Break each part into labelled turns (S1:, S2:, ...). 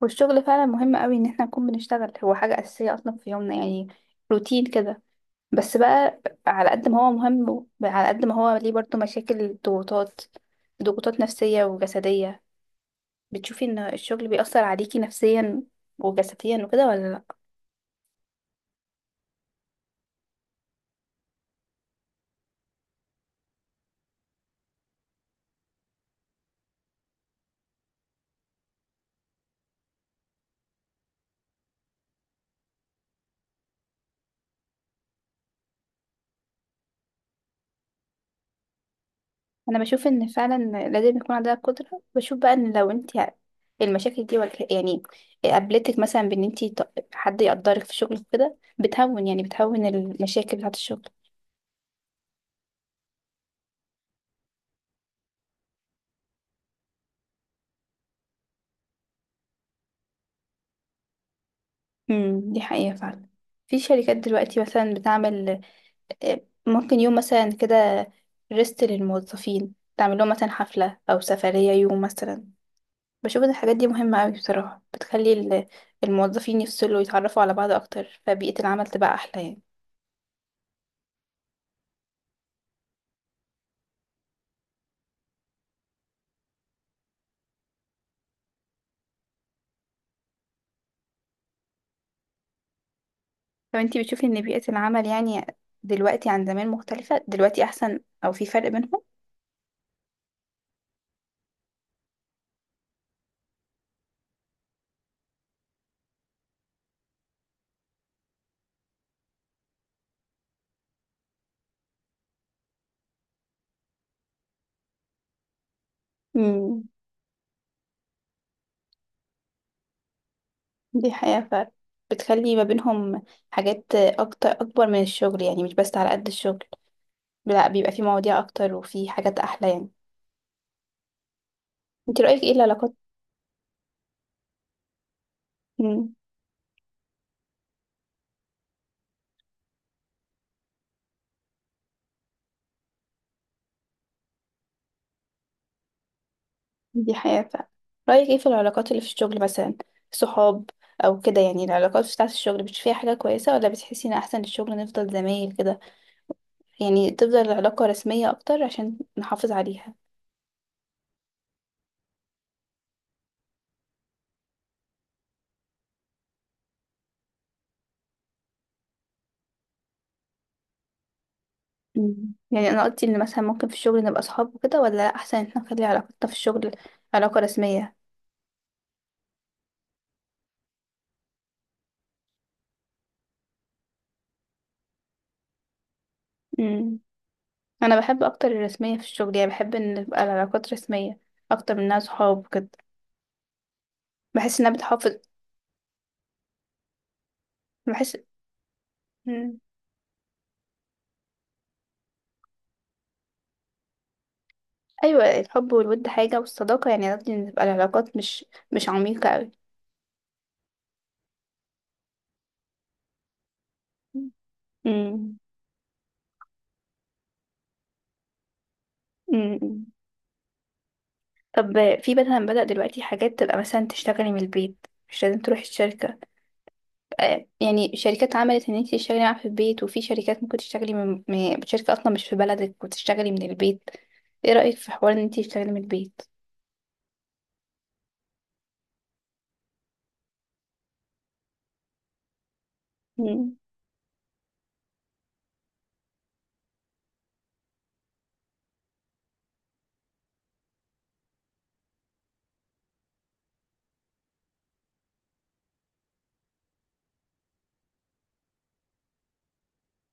S1: والشغل فعلا مهم قوي ان احنا نكون بنشتغل، هو حاجة أساسية اصلا في يومنا يعني روتين كده. بس بقى على قد ما هو مهم على قد ما هو ليه برضه مشاكل، ضغوطات نفسية وجسدية. بتشوفي ان الشغل بيأثر عليكي نفسيا وجسديا وكده ولا لا؟ انا بشوف ان فعلا لازم يكون عندها قدرة. بشوف بقى ان لو انت المشاكل دي قابلتك مثلا بان انت حد يقدرك في شغلك كده بتهون، يعني بتهون المشاكل بتاعت الشغل. دي حقيقة فعلا. في شركات دلوقتي مثلا بتعمل آه، ممكن يوم مثلا كده ريست للموظفين، تعمل لهم مثلا حفلة أو سفرية يوم مثلا. بشوف إن الحاجات دي مهمة أوي بصراحة، بتخلي الموظفين يفصلوا ويتعرفوا على بعض أكتر، فبيئة العمل تبقى أحلى يعني. لو أنتي بتشوفي إن بيئة العمل يعني دلوقتي عن زمان مختلفة، دلوقتي أحسن أو في فرق بينهم؟ امم دي حقيقة فعلا. بتخلي ما بينهم حاجات أكتر، أكبر من الشغل يعني، مش بس على قد الشغل، لا بيبقى في مواضيع اكتر وفي حاجات احلى يعني. انت رأيك ايه العلاقات؟ مم، دي حياة فعلا. رأيك ايه في العلاقات اللي في الشغل مثلا؟ صحاب او كده يعني العلاقات بتاعة الشغل بتشوفيها فيها حاجة كويسة، ولا بتحسي ان احسن الشغل نفضل زمايل كده يعني، تفضل العلاقة رسمية اكتر عشان نحافظ عليها؟ مم. يعني انا قلت ان مثلا ممكن في الشغل نبقى صحاب وكده، ولا احسن ان احنا نخلي علاقتنا في الشغل علاقة رسمية؟ مم. انا بحب اكتر الرسمية في الشغل، يعني بحب ان تبقى العلاقات رسمية اكتر من انها صحاب وكده. بحس انها بتحافظ. بحس مم. ايوه الحب والود حاجه، والصداقه يعني قصدي ان تبقى العلاقات مش عميقه قوي. مم. مم. طب في مثلا بدأ دلوقتي حاجات تبقى مثلا تشتغلي من البيت، مش لازم تروحي الشركة. يعني شركات عملت ان انت تشتغلي معاها في البيت، وفي شركات ممكن تشتغلي شركة اصلا مش في بلدك وتشتغلي من البيت. ايه رأيك في حوار ان انت تشتغلي من البيت؟ مم.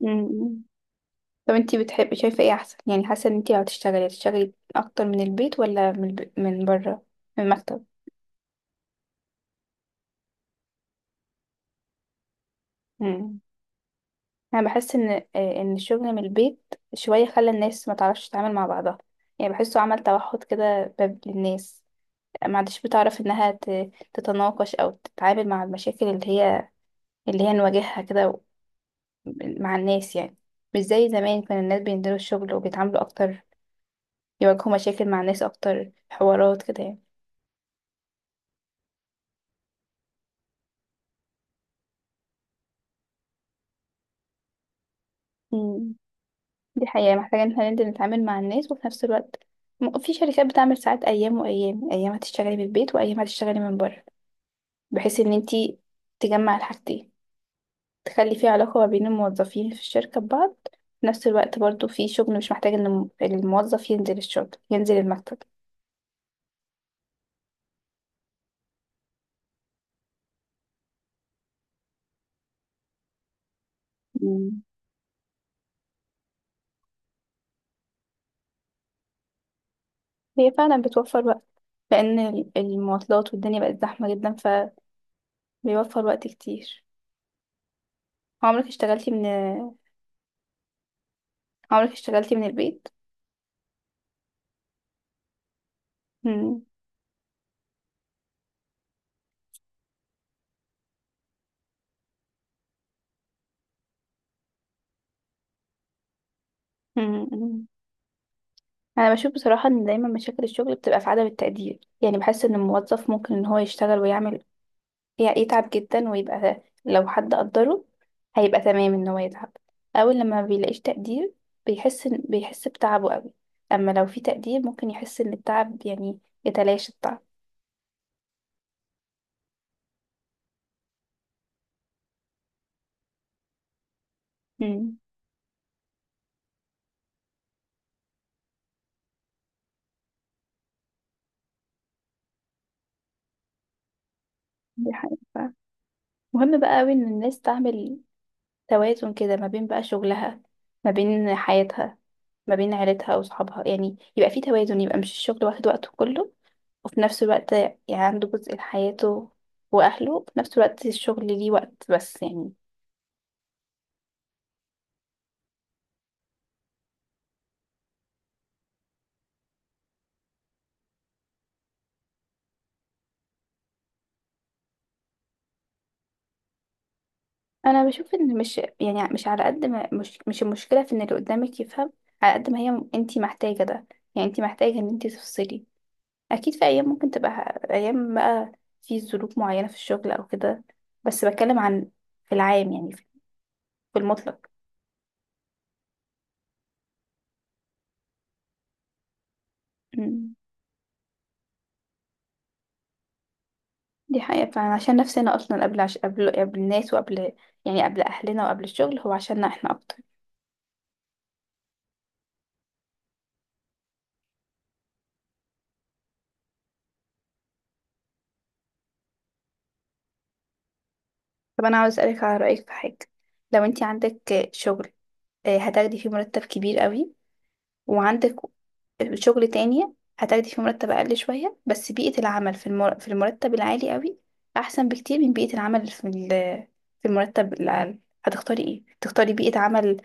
S1: مم. طب انتي بتحبي شايفة ايه احسن، يعني حاسة ان انتي لو هتشتغلي هتشتغلي اكتر من البيت ولا من بره، من المكتب؟ مم. انا بحس ان ان الشغل من البيت شوية خلى الناس ما تعرفش تتعامل مع بعضها. يعني بحسه عمل توحد كده باب للناس. ما عادش بتعرف تتناقش او تتعامل مع المشاكل اللي هي نواجهها كده مع الناس يعني. مش زي زمان كان الناس بينزلوا الشغل وبيتعاملوا اكتر، يواجهوا مشاكل مع الناس اكتر، حوارات كده يعني. مم. دي حقيقة محتاجة ان احنا ننزل نتعامل مع الناس، وفي نفس الوقت في شركات بتعمل ساعات، ايام وايام، ايام هتشتغلي من البيت وايام هتشتغلي من بره، بحيث ان انتي تجمع الحاجتين، تخلي في علاقة ما بين الموظفين في الشركة ببعض، في نفس الوقت برضو في شغل مش محتاج ان الموظف ينزل الشغل، ينزل المكتب. مم. هي فعلا بتوفر وقت، لان المواصلات والدنيا بقت زحمة جدا، فبيوفر وقت كتير. عمرك اشتغلتي من عمرك اشتغلتي من البيت؟ مم. مم. انا بشوف بصراحه ان دايما مشاكل الشغل بتبقى في عدم التقدير. يعني بحس ان الموظف ممكن ان هو يشتغل ويعمل، يعني يتعب جدا، ويبقى لو حد قدره هيبقى تمام ان هو يتعب. اول لما ما بيلاقيش تقدير بيحس بتعبه قوي. اما لو في تقدير ممكن يحس ان التعب يعني يتلاشى التعب. امم دي حقيقة. مهم بقى قوي ان الناس تعمل توازن كده، ما بين بقى شغلها، ما بين حياتها، ما بين عيلتها وصحابها، يعني يبقى في توازن، يبقى مش الشغل واخد وقته كله، وفي نفس الوقت يعني عنده جزء لحياته وأهله، وفي نفس الوقت الشغل ليه وقت بس يعني. أنا بشوف إن مش، يعني مش على قد ما، مش المشكلة في إن اللي قدامك يفهم، على قد ما هي أنتي محتاجة ده. يعني أنتي محتاجة إن أنتي تفصلي. أكيد في أيام ممكن تبقى أيام بقى في ظروف معينة في الشغل أو كده، بس بتكلم عن في العام يعني، في المطلق. مم. دي حقيقة فعلا، عشان نفسنا أصلا قبل الناس، وقبل يعني قبل أهلنا وقبل الشغل، هو عشاننا احنا أكتر. طب أنا عاوز أسألك على رأيك في حاجة. لو أنت عندك شغل هتاخدي فيه مرتب كبير قوي، وعندك شغل تاني هتاخدي فيه مرتب أقل شوية، بس بيئة العمل في المرتب العالي قوي أحسن بكتير من بيئة العمل في المرتب الأقل. هتختاري إيه؟ تختاري بيئة عمل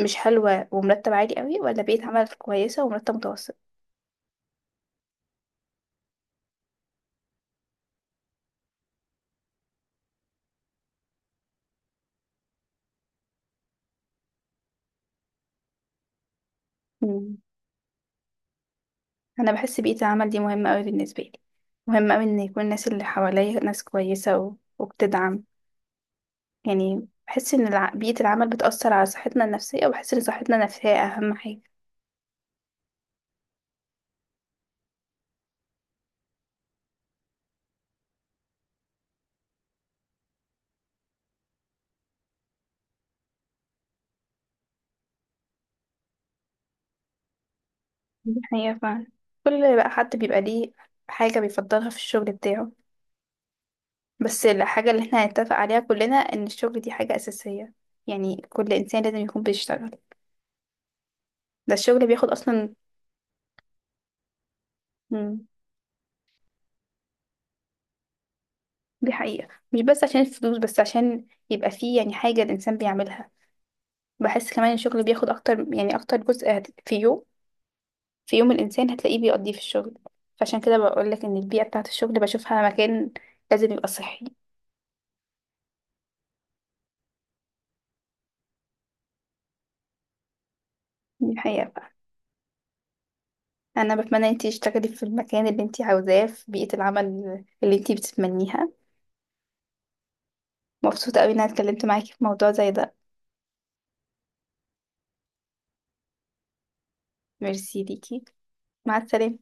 S1: مش حلوة ومرتب عالي قوي، ولا بيئة عمل كويسة ومرتب متوسط؟ انا بحس بيئة العمل دي مهمة قوي بالنسبة لي. مهم قوي ان يكون الناس اللي حواليا ناس كويسة وبتدعم يعني. بحس ان بيئة العمل بتأثر على صحتنا النفسية، وبحس ان صحتنا النفسية اهم حاجة. دي حقيقة فعلا. كل بقى حد بيبقى ليه حاجة بيفضلها في الشغل بتاعه، بس الحاجة اللي احنا هنتفق عليها كلنا ان الشغل دي حاجة أساسية، يعني كل إنسان لازم يكون بيشتغل. ده الشغل بياخد أصلا. مم، دي حقيقة، مش بس عشان الفلوس، بس عشان يبقى فيه يعني حاجة الإنسان بيعملها. بحس كمان الشغل بياخد اكتر، يعني اكتر جزء في يوم الانسان هتلاقيه بيقضيه في الشغل. فعشان كده بقولك ان البيئة بتاعة الشغل بشوفها مكان لازم يبقى صحي. دي الحقيقة بقى. انا بتمنى انتي تشتغلي في المكان اللي انتي عاوزاه، في بيئة العمل اللي انتي بتتمنيها. مبسوطة قوي ان انا اتكلمت معاكي في موضوع زي ده. ميرسي ليكي. مع السلامة.